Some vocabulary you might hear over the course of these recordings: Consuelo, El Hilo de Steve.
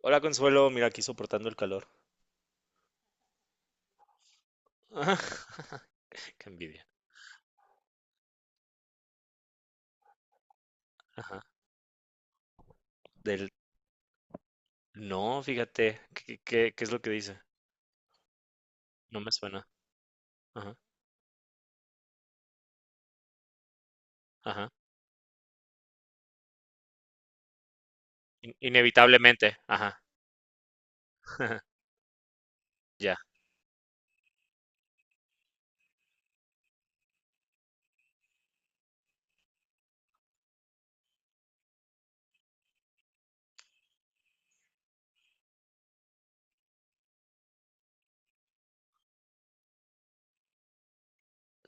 Hola Consuelo, mira aquí soportando el calor. Ajá, qué envidia. Ajá. Del no, fíjate, ¿qué es lo que dice? No me suena. Ajá, ajá. Inevitablemente, ajá. Ya,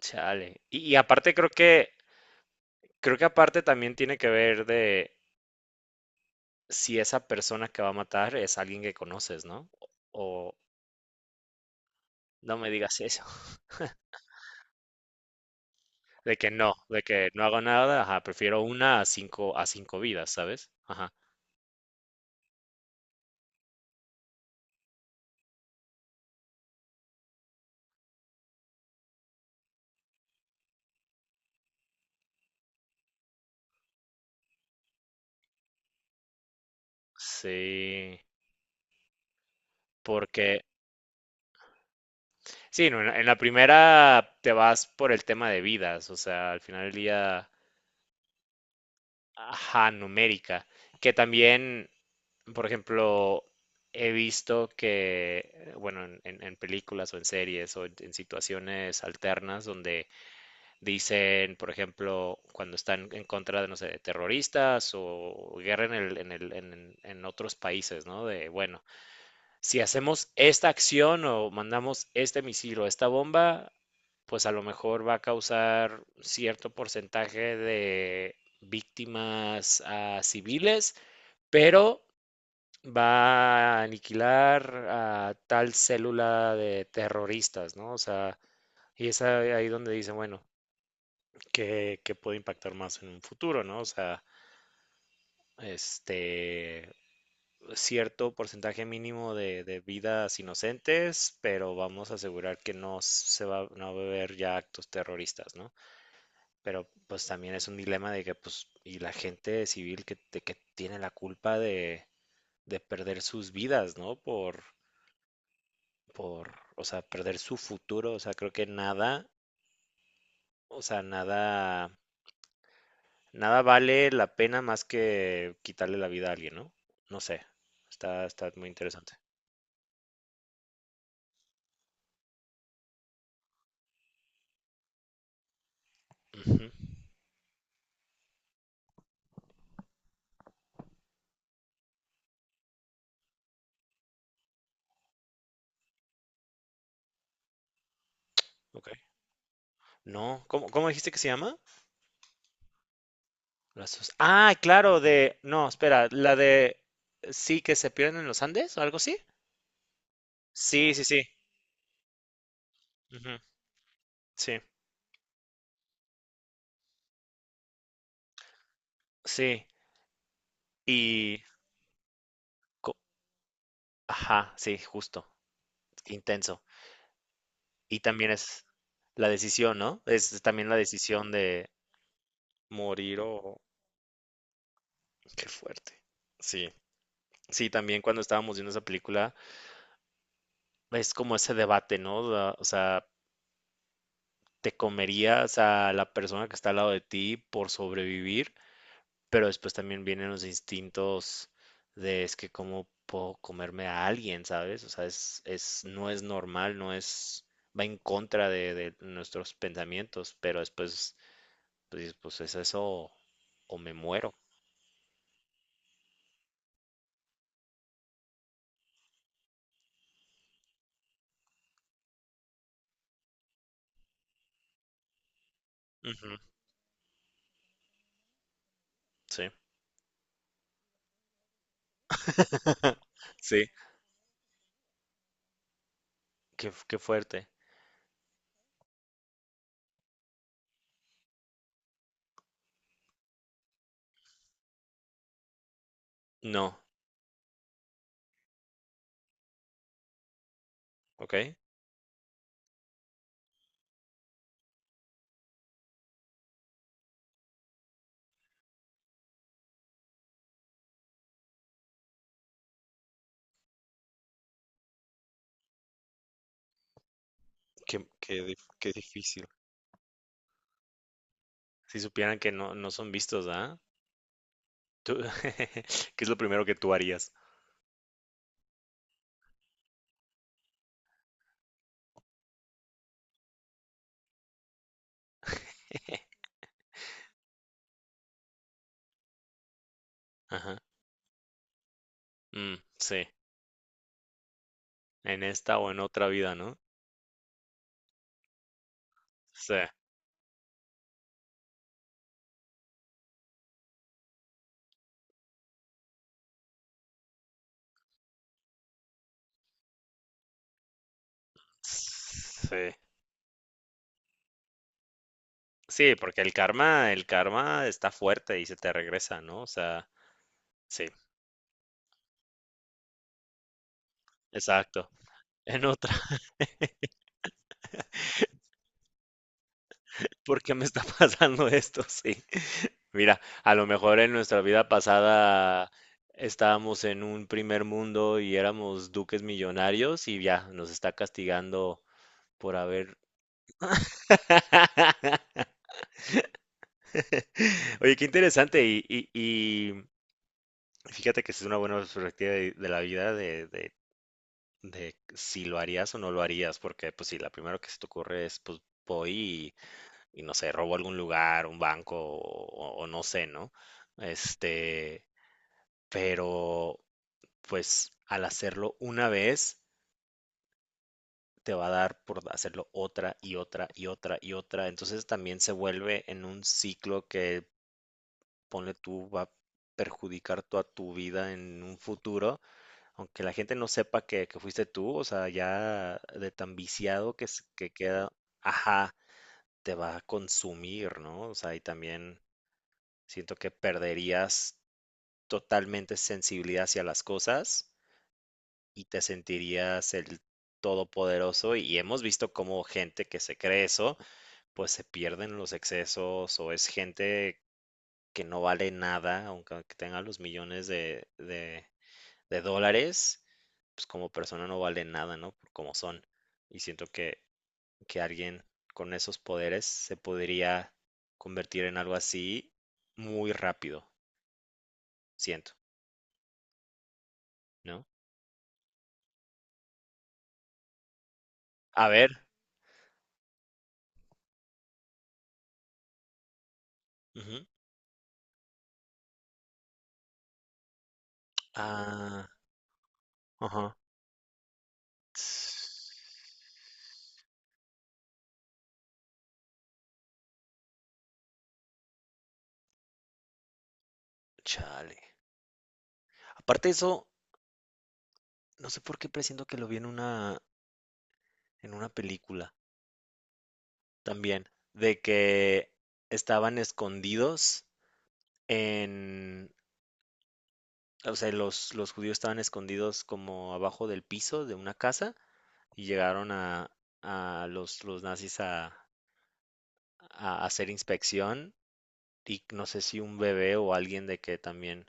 chale. Y aparte creo que aparte también tiene que ver de si esa persona que va a matar es alguien que conoces, ¿no? O no me digas eso. De que no hago nada, ajá, prefiero una a cinco vidas, ¿sabes? Ajá. Sí, porque sí, no, en la primera te vas por el tema de vidas, o sea, al final del día, ajá, numérica, que también, por ejemplo, he visto que, bueno, en películas o en series o en situaciones alternas donde dicen, por ejemplo, cuando están en contra de, no sé, de terroristas o guerra en otros países, ¿no? De, bueno si hacemos esta acción o mandamos este misil o esta bomba, pues a lo mejor va a causar cierto porcentaje de víctimas a civiles, pero va a aniquilar a tal célula de terroristas, ¿no? O sea, y es ahí donde dice, bueno, que puede impactar más en un futuro, ¿no? O sea, este, cierto porcentaje mínimo de vidas inocentes, pero vamos a asegurar que no se va, no va a haber ya actos terroristas, ¿no? Pero pues también es un dilema de que, pues, y la gente civil que, de que tiene la culpa de perder sus vidas, ¿no? Por, o sea, perder su futuro, o sea, creo que nada, o sea, nada, nada vale la pena más que quitarle la vida a alguien, ¿no? No sé, está, está muy interesante. Ujú, ok. No, ¿cómo dijiste que se llama? Las sus- Ah, claro, de... No, espera, la de... Sí, que se pierden en los Andes o algo así. Sí, sí, sí. Ujú, sí, sí. Y... co- Ajá, sí, justo. Intenso. Y también es la decisión, ¿no? Es también la decisión de morir o... Qué fuerte. Sí, sí, también cuando estábamos viendo esa película, es como ese debate, ¿no? Da- O sea, ¿te comerías a la persona que está al lado de ti por sobrevivir? Pero después también vienen los instintos de es que cómo puedo comerme a alguien, ¿sabes? O sea, es, no es normal, no es, va en contra de nuestros pensamientos, pero después, pues, dices, pues es eso o, me muero. Ujú, sí, sí, qué, qué fuerte. No, ok. Qué, qué dif- qué difícil. Si supieran que no, no son vistos, ¿ah? Tú- ¿Qué es lo primero que tú harías? Ajá, sí, en esta o en otra vida, ¿no? Sí, sí, sí, porque el karma está fuerte y se te regresa, ¿no? O sea, sí, exacto. En otra, ¿por qué me está pasando esto? Sí. Mira, a lo mejor en nuestra vida pasada estábamos en un primer mundo y éramos duques millonarios y ya nos está castigando por haber. Oye, qué interesante y fíjate que es una buena perspectiva de la vida de si lo harías o no lo harías, porque pues si la primera que se te ocurre es pues voy y no sé, robo algún lugar, un banco o no sé, ¿no? Este, pero pues al hacerlo una vez te va a dar por hacerlo otra y otra y otra y otra, entonces también se vuelve en un ciclo que ponle tú va a perjudicar toda tu vida en un futuro aunque la gente no sepa que fuiste tú, o sea, ya de tan viciado que, s- que queda, ajá, te va a consumir, ¿no? O sea, y también siento que perderías totalmente sensibilidad hacia las cosas y te sentirías el todopoderoso. Y hemos visto cómo gente que se cree eso, pues se pierden los excesos o es gente que no vale nada, aunque tenga los millones de dólares, pues como persona no valen nada, ¿no? Por como son. Y siento que alguien con esos poderes se podría convertir en algo así muy rápido, siento, ¿no? A ver. Ujú. Ah, ajá. Chale. Aparte de eso, no sé por qué presiento que lo vi en una película también, de que estaban escondidos en, o sea, los judíos estaban escondidos como abajo del piso de una casa y llegaron a los nazis a hacer inspección y no sé si un bebé o alguien de que también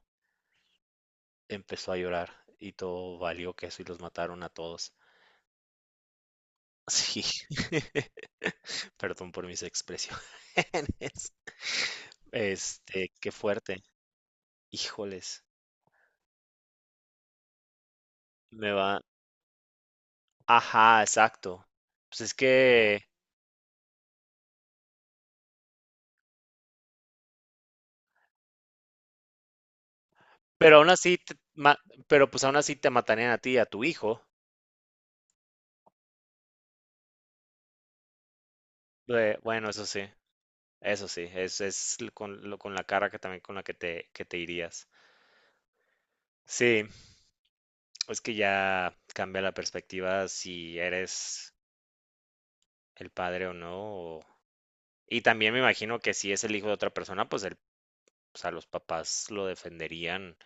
empezó a llorar y todo valió queso y los mataron a todos. Sí, perdón por mis expresiones. Este, qué fuerte. Híjoles, me va. Ajá, exacto. Pues es que pero aún así, te ma pero, pues, aún así te matarían a ti y a tu hijo. Bueno, eso sí, es l con lo con la cara que también con la que te irías. Sí, es que ya cambia la perspectiva si eres el padre o no, o y también me imagino que si es el hijo de otra persona, pues el o sea, los papás lo defenderían,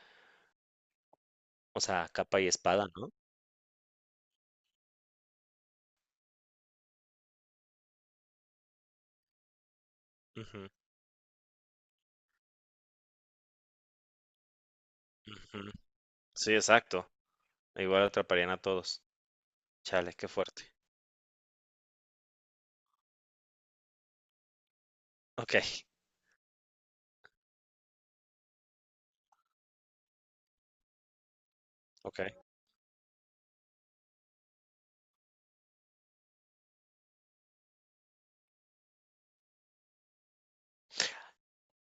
o sea, capa y espada, ¿no? Ujú, ujú. Sí, exacto. Igual atraparían a todos. Chale, qué fuerte. Okey, okey.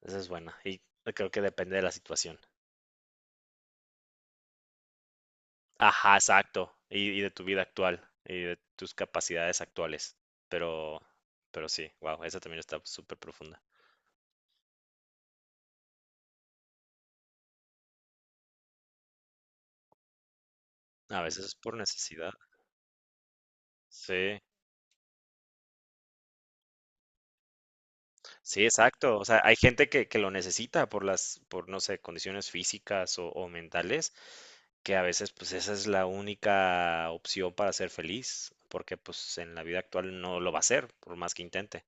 Esa es buena. Y creo que depende de la situación. Ajá, exacto. Y de tu vida actual y de tus capacidades actuales. Pero, pero sí, wow, esa también está súper profunda. A veces es por necesidad. Sí, sí, exacto. O sea, hay gente que lo necesita por las, por no sé, condiciones físicas o mentales, que a veces pues esa es la única opción para ser feliz, porque pues en la vida actual no lo va a ser, por más que intente.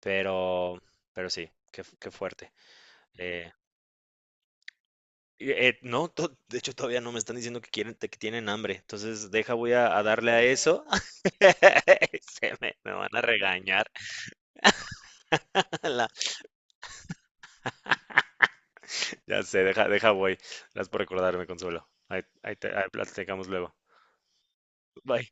Pero, pero sí, qué, fu- qué fuerte. Eh, Eh, no, to- de hecho todavía no me están diciendo que quieren, que tienen hambre. Entonces, deja, voy a darle a eso. Se me, me van a regañar. La- ya sé, deja, deja, voy. Gracias por recordarme, Consuelo. Ahí, ahí te- ahí platicamos luego. Bye.